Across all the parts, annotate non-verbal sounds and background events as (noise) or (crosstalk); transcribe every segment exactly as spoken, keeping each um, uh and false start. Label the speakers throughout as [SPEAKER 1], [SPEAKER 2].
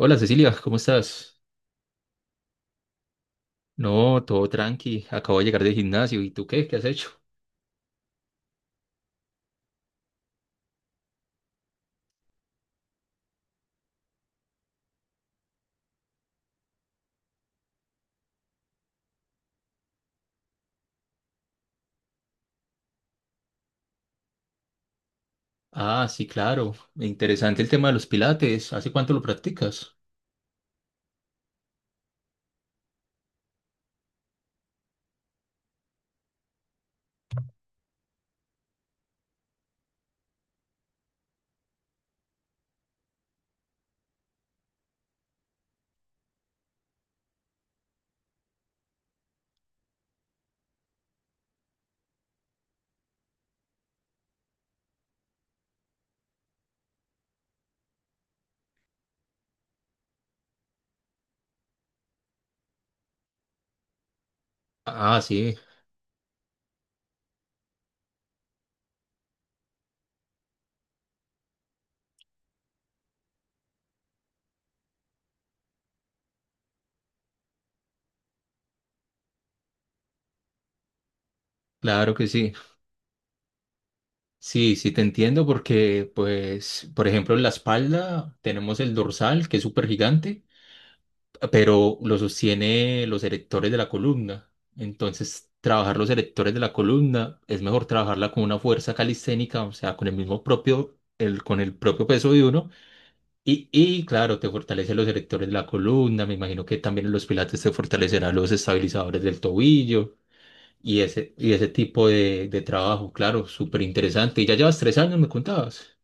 [SPEAKER 1] Hola Cecilia, ¿cómo estás? No, todo tranqui. Acabo de llegar del gimnasio. ¿Y tú qué? ¿Qué has hecho? Ah, sí, claro. Interesante el tema de los pilates. ¿Hace cuánto lo practicas? Ah, sí, claro que sí. Sí, sí, te entiendo porque, pues, por ejemplo, en la espalda tenemos el dorsal, que es súper gigante, pero lo sostiene los erectores de la columna. Entonces, trabajar los erectores de la columna es mejor trabajarla con una fuerza calisténica, o sea, con el mismo propio, el, con el propio peso de uno. Y, y claro, te fortalece los erectores de la columna, me imagino que también en los pilates te fortalecerán los estabilizadores del tobillo y ese, y ese tipo de, de trabajo, claro, súper interesante. Y ya llevas tres años, me contabas.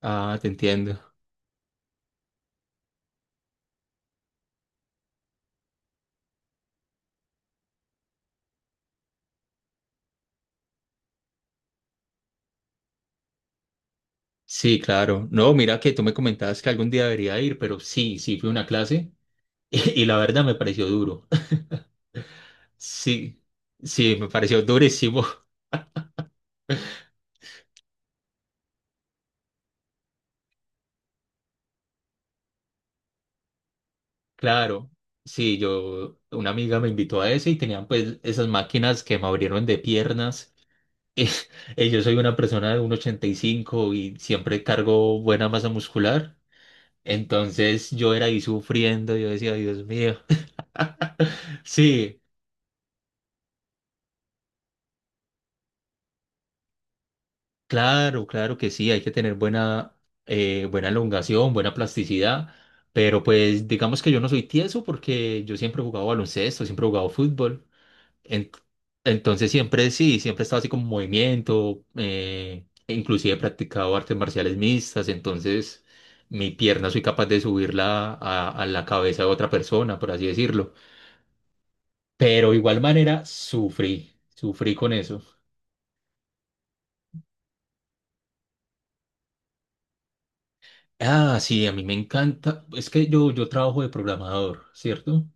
[SPEAKER 1] Ah, te entiendo. Sí, claro. No, mira que tú me comentabas que algún día debería ir, pero sí, sí fui a una clase (laughs) y, y la verdad me pareció duro. (laughs) Sí, sí, me pareció durísimo. (laughs) Claro, sí, yo, una amiga me invitó a ese y tenían pues esas máquinas que me abrieron de piernas. (laughs) Eh, eh, yo soy una persona de uno metro ochenta y cinco y cinco y siempre cargo buena masa muscular. Entonces yo era ahí sufriendo, yo decía, Dios mío. (laughs) Sí, claro, claro que sí, hay que tener buena, eh, buena elongación, buena plasticidad, pero pues digamos que yo no soy tieso porque yo siempre he jugado baloncesto, siempre he jugado fútbol. En- entonces siempre sí, siempre he estado así como en movimiento, eh, e inclusive he practicado artes marciales mixtas, entonces mi pierna soy capaz de subirla a, a la cabeza de otra persona, por así decirlo. Pero de igual manera sufrí, sufrí con eso. Ah, sí, a mí me encanta, es que yo, yo trabajo de programador, ¿cierto?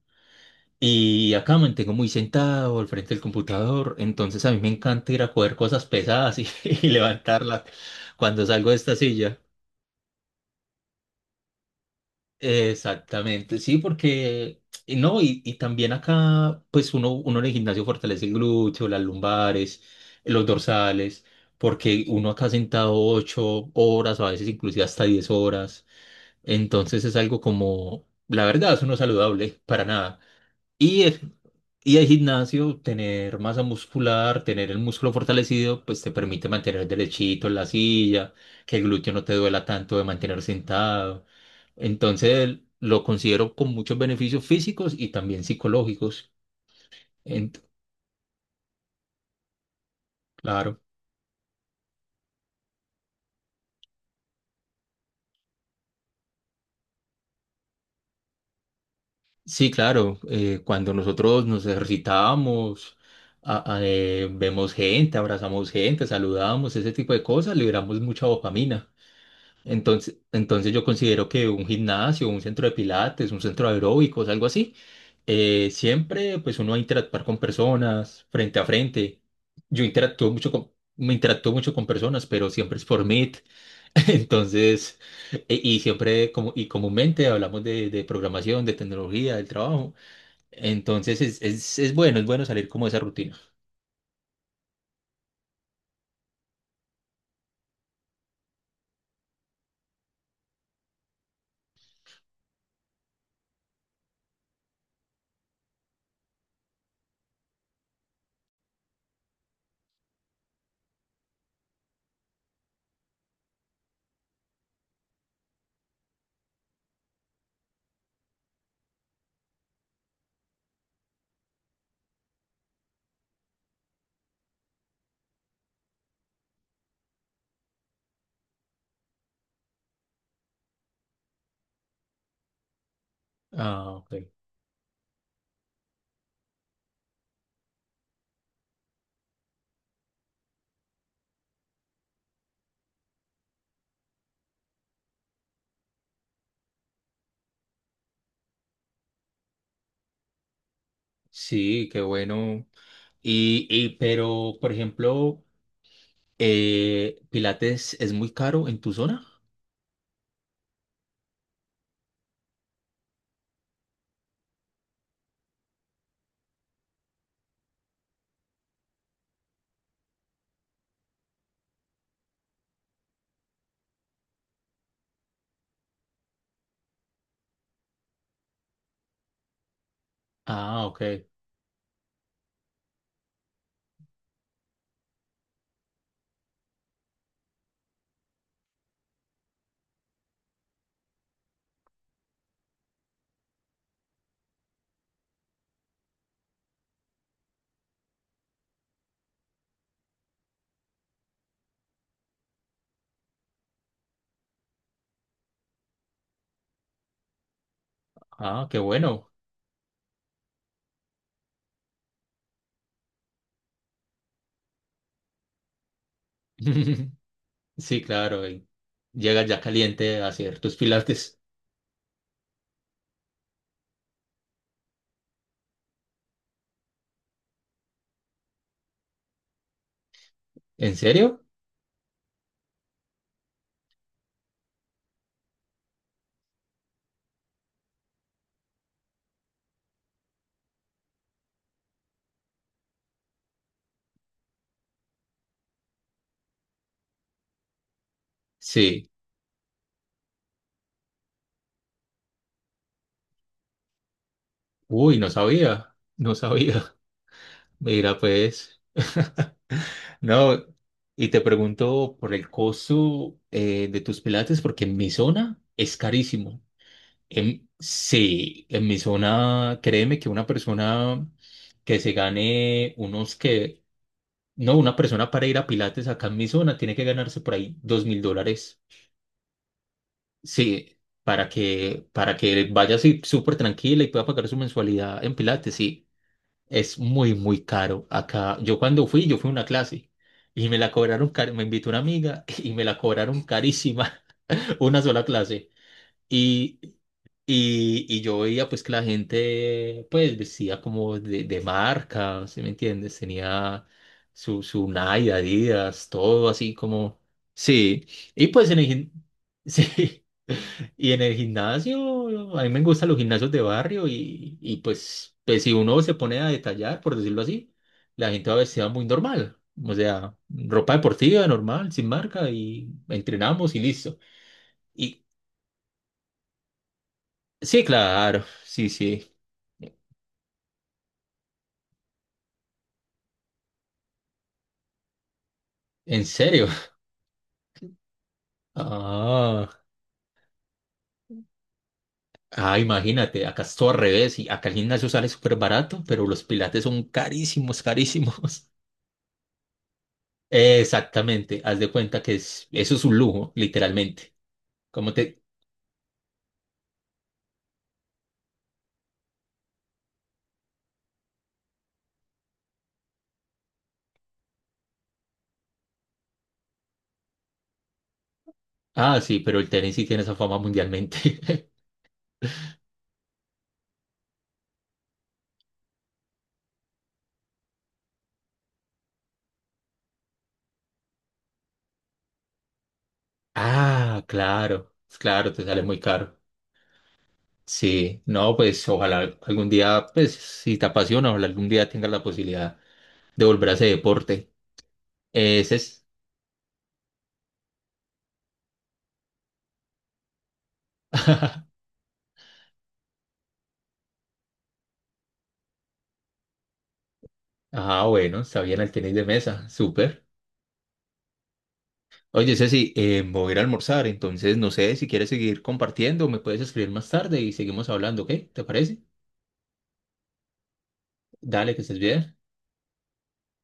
[SPEAKER 1] Y acá me mantengo muy sentado al frente del computador, entonces a mí me encanta ir a coger cosas pesadas y, (laughs) y levantarlas cuando salgo de esta silla. Exactamente, sí, porque y no, y, y también acá, pues uno, uno en el gimnasio fortalece el glúteo, las lumbares, los dorsales, porque uno acá sentado ocho horas, a veces inclusive hasta diez horas. Entonces es algo como, la verdad, eso no es saludable para nada. Y el, y el gimnasio, tener masa muscular, tener el músculo fortalecido, pues te permite mantener derechito en la silla, que el glúteo no te duela tanto de mantener sentado. Entonces lo considero con muchos beneficios físicos y también psicológicos. Ent- claro. Sí, claro. Eh, cuando nosotros nos ejercitamos, a- a- eh, vemos gente, abrazamos gente, saludamos, ese tipo de cosas, liberamos mucha dopamina. Entonces, entonces yo considero que un gimnasio, un centro de pilates, un centro de aeróbicos, algo así, eh, siempre pues uno va a interactuar con personas frente a frente. Yo interactúo mucho con, me interactúo mucho con personas, pero siempre es por mí. (laughs) Entonces, e- y siempre como, y comúnmente hablamos de, de programación, de tecnología, del trabajo. Entonces es, es, es bueno, es bueno salir como de esa rutina. Ah, ok. Sí, qué bueno. Y, y pero, por ejemplo, eh, Pilates es muy caro en tu zona. Ah, ok. Ah, qué bueno. (laughs) Sí, claro. Y llegas ya caliente a hacer tus Pilates. ¿En serio? Sí. Uy, no sabía. No sabía. Mira, pues. (laughs) No, y te pregunto por el costo eh, de tus pilates, porque en mi zona es carísimo. En, sí, en mi zona, créeme que una persona que se gane unos que, no, una persona para ir a pilates acá en mi zona tiene que ganarse por ahí dos mil dólares. Sí, para que, para que vaya así súper tranquila y pueda pagar su mensualidad en pilates, sí. Es muy, muy caro acá. Yo cuando fui, yo fui a una clase y me la cobraron, car- me invitó una amiga (laughs) y me la cobraron carísima, (laughs) una sola clase. Y, y, y yo veía pues que la gente pues vestía como de, de marca, ¿sí me entiendes? Tenía su, su Nike, Adidas, todo así como... Sí, y pues en el... gim- (laughs) Sí, y en el gimnasio, a mí me gustan los gimnasios de barrio y, y pues, pues si uno se pone a detallar, por decirlo así, la gente va vestida muy normal, o sea, ropa deportiva normal, sin marca y entrenamos y listo. Sí, claro, sí, sí. ¿En serio? (laughs) Ah, ah, imagínate, acá es todo al revés y acá el gimnasio sale súper barato, pero los pilates son carísimos, carísimos. (laughs) Exactamente, haz de cuenta que es, eso es un lujo, literalmente. Como te... Ah, sí, pero el tenis sí tiene esa fama mundialmente. (laughs) Ah, claro, pues claro, te sale muy caro. Sí, no, pues ojalá algún día, pues si te apasiona, ojalá algún día tengas la posibilidad de volver a ese deporte. Ese es. (laughs) Ah, bueno, está bien el tenis de mesa, súper. Oye, Ceci, eh, me voy a ir a almorzar, entonces no sé si quieres seguir compartiendo, me puedes escribir más tarde y seguimos hablando, ¿ok? ¿Te parece? Dale, que estés bien.